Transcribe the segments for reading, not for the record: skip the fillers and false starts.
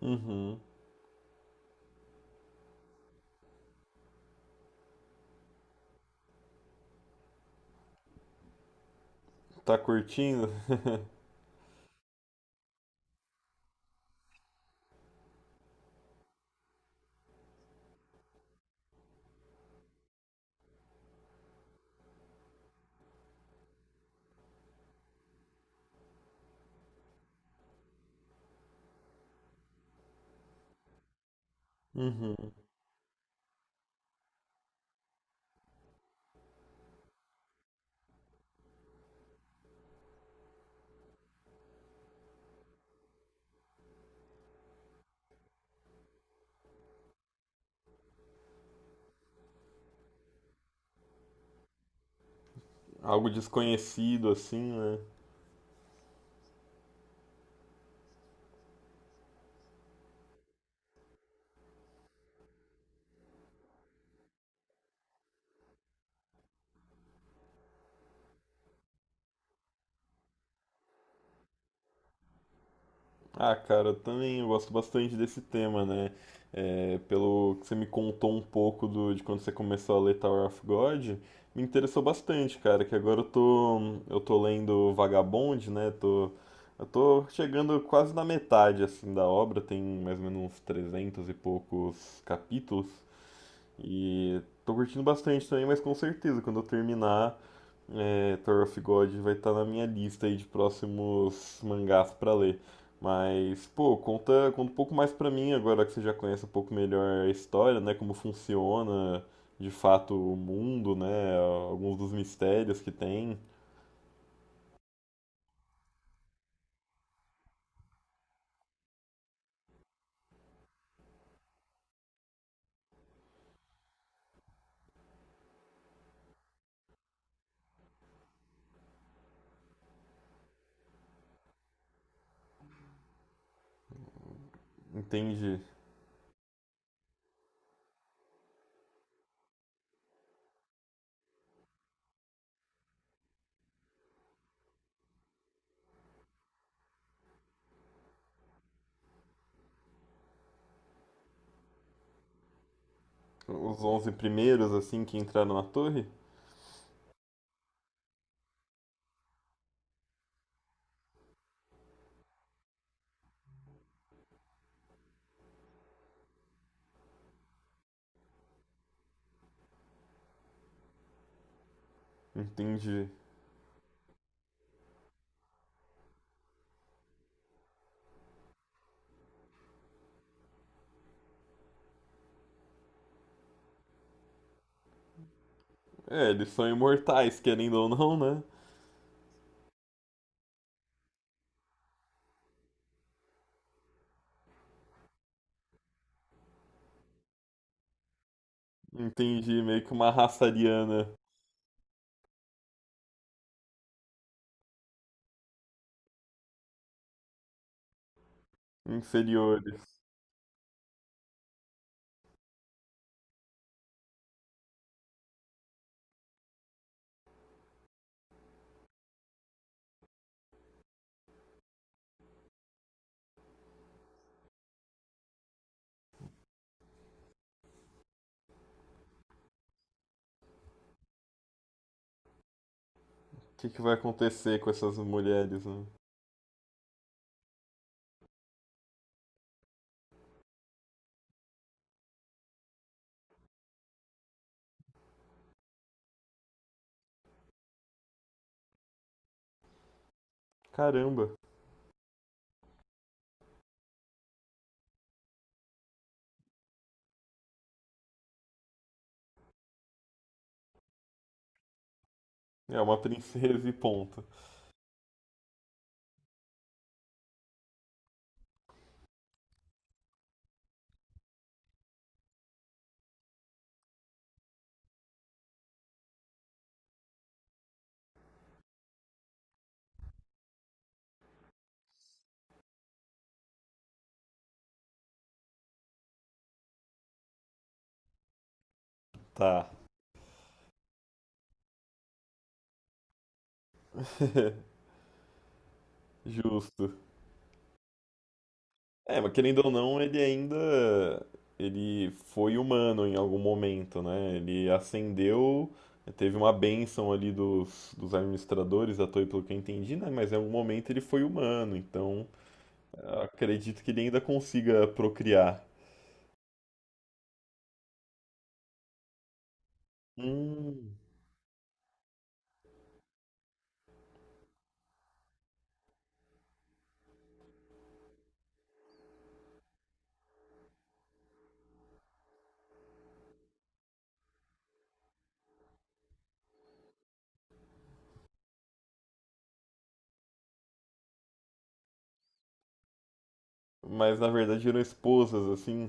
Uhum. Tá curtindo? Uhum. Algo desconhecido assim, né? Ah, cara, eu também gosto bastante desse tema, né? Pelo que você me contou um pouco de quando você começou a ler Tower of God, me interessou bastante, cara, que eu tô lendo Vagabond, né? Eu tô chegando quase na metade, assim, da obra, tem mais ou menos uns 300 e poucos capítulos. E tô curtindo bastante também, mas com certeza, quando eu terminar, Tower of God vai estar na minha lista aí de próximos mangás pra ler. Mas, pô, conta um pouco mais pra mim agora que você já conhece um pouco melhor a história, né? Como funciona de fato o mundo, né? Alguns dos mistérios que tem. Entende, os 11 primeiros, assim, que entraram na torre? Entende. É, eles são imortais, querendo ou não, né? Entendi, meio que uma raça ariana. Inferiores. O que que vai acontecer com essas mulheres, né? Caramba. É uma princesa e ponto. Tá. Justo. É, mas querendo ou não, ele ainda. Ele foi humano em algum momento, né? Ele ascendeu, teve uma bênção ali dos administradores da Toei, pelo que eu entendi, né? Mas em algum momento ele foi humano, então eu acredito que ele ainda consiga procriar. Hum, mas na verdade eram esposas, assim.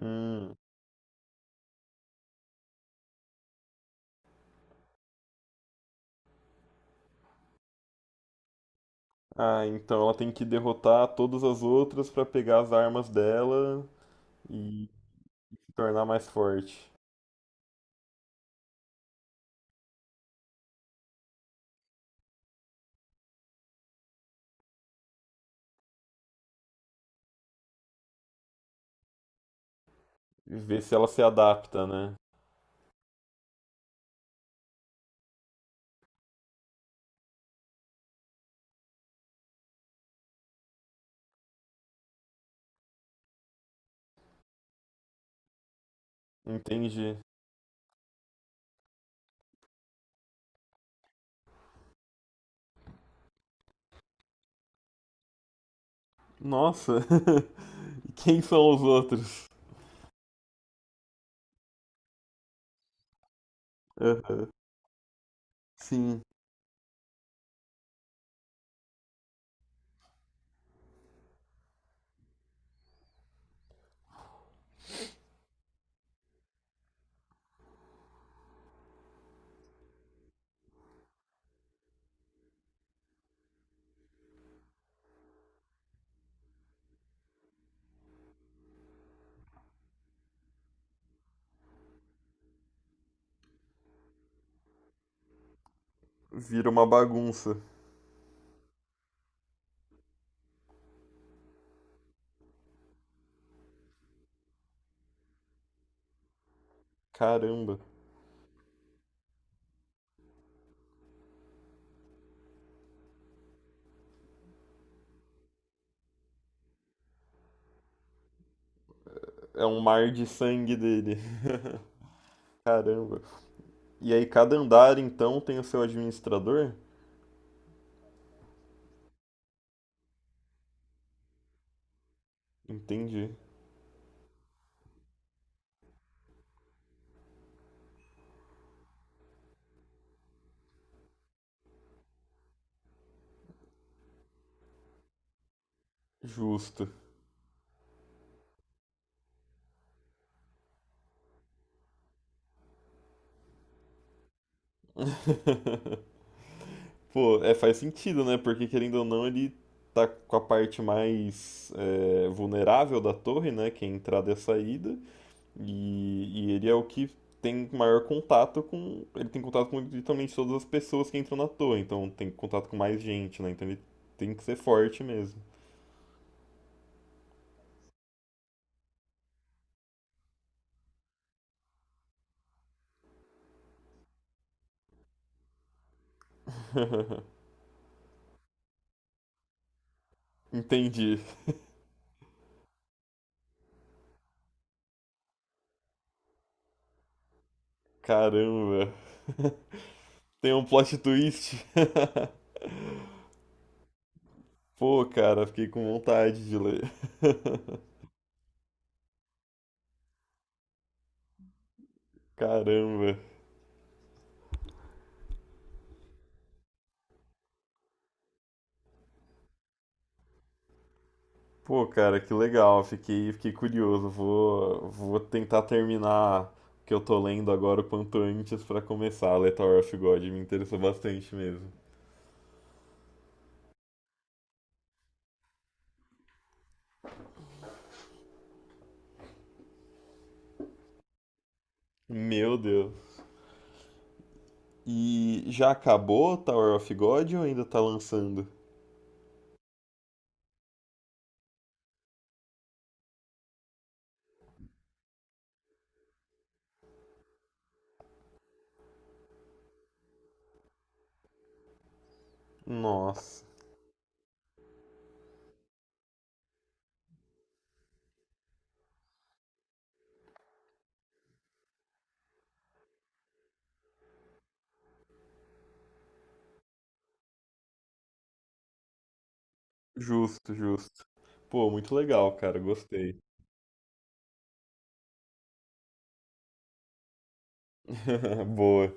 Hum. Ah, então ela tem que derrotar todas as outras pra pegar as armas dela e se tornar mais forte. E ver se ela se adapta, né? Entendi. Nossa! E quem são os outros? Aham. Sim, vira uma bagunça. Caramba. É um mar de sangue dele. Caramba. E aí cada andar então tem o seu administrador? Entendi. Justo. Pô, é, faz sentido, né? Porque querendo ou não, ele tá com a parte mais vulnerável da torre, né? Que é a entrada e a saída. E ele é o que tem maior contato com. Ele tem contato com literalmente todas as pessoas que entram na torre. Então tem contato com mais gente, né? Então ele tem que ser forte mesmo. Entendi. Caramba. Tem um plot twist. Pô, cara, fiquei com vontade de ler. Caramba. Pô, cara, que legal. Fiquei curioso. Vou tentar terminar o que eu tô lendo agora o quanto antes pra começar a ler Tower of God. Me interessou bastante mesmo. Meu Deus. E já acabou Tower of God ou ainda tá lançando? Nossa. Justo. Pô, muito legal, cara. Gostei. Boa.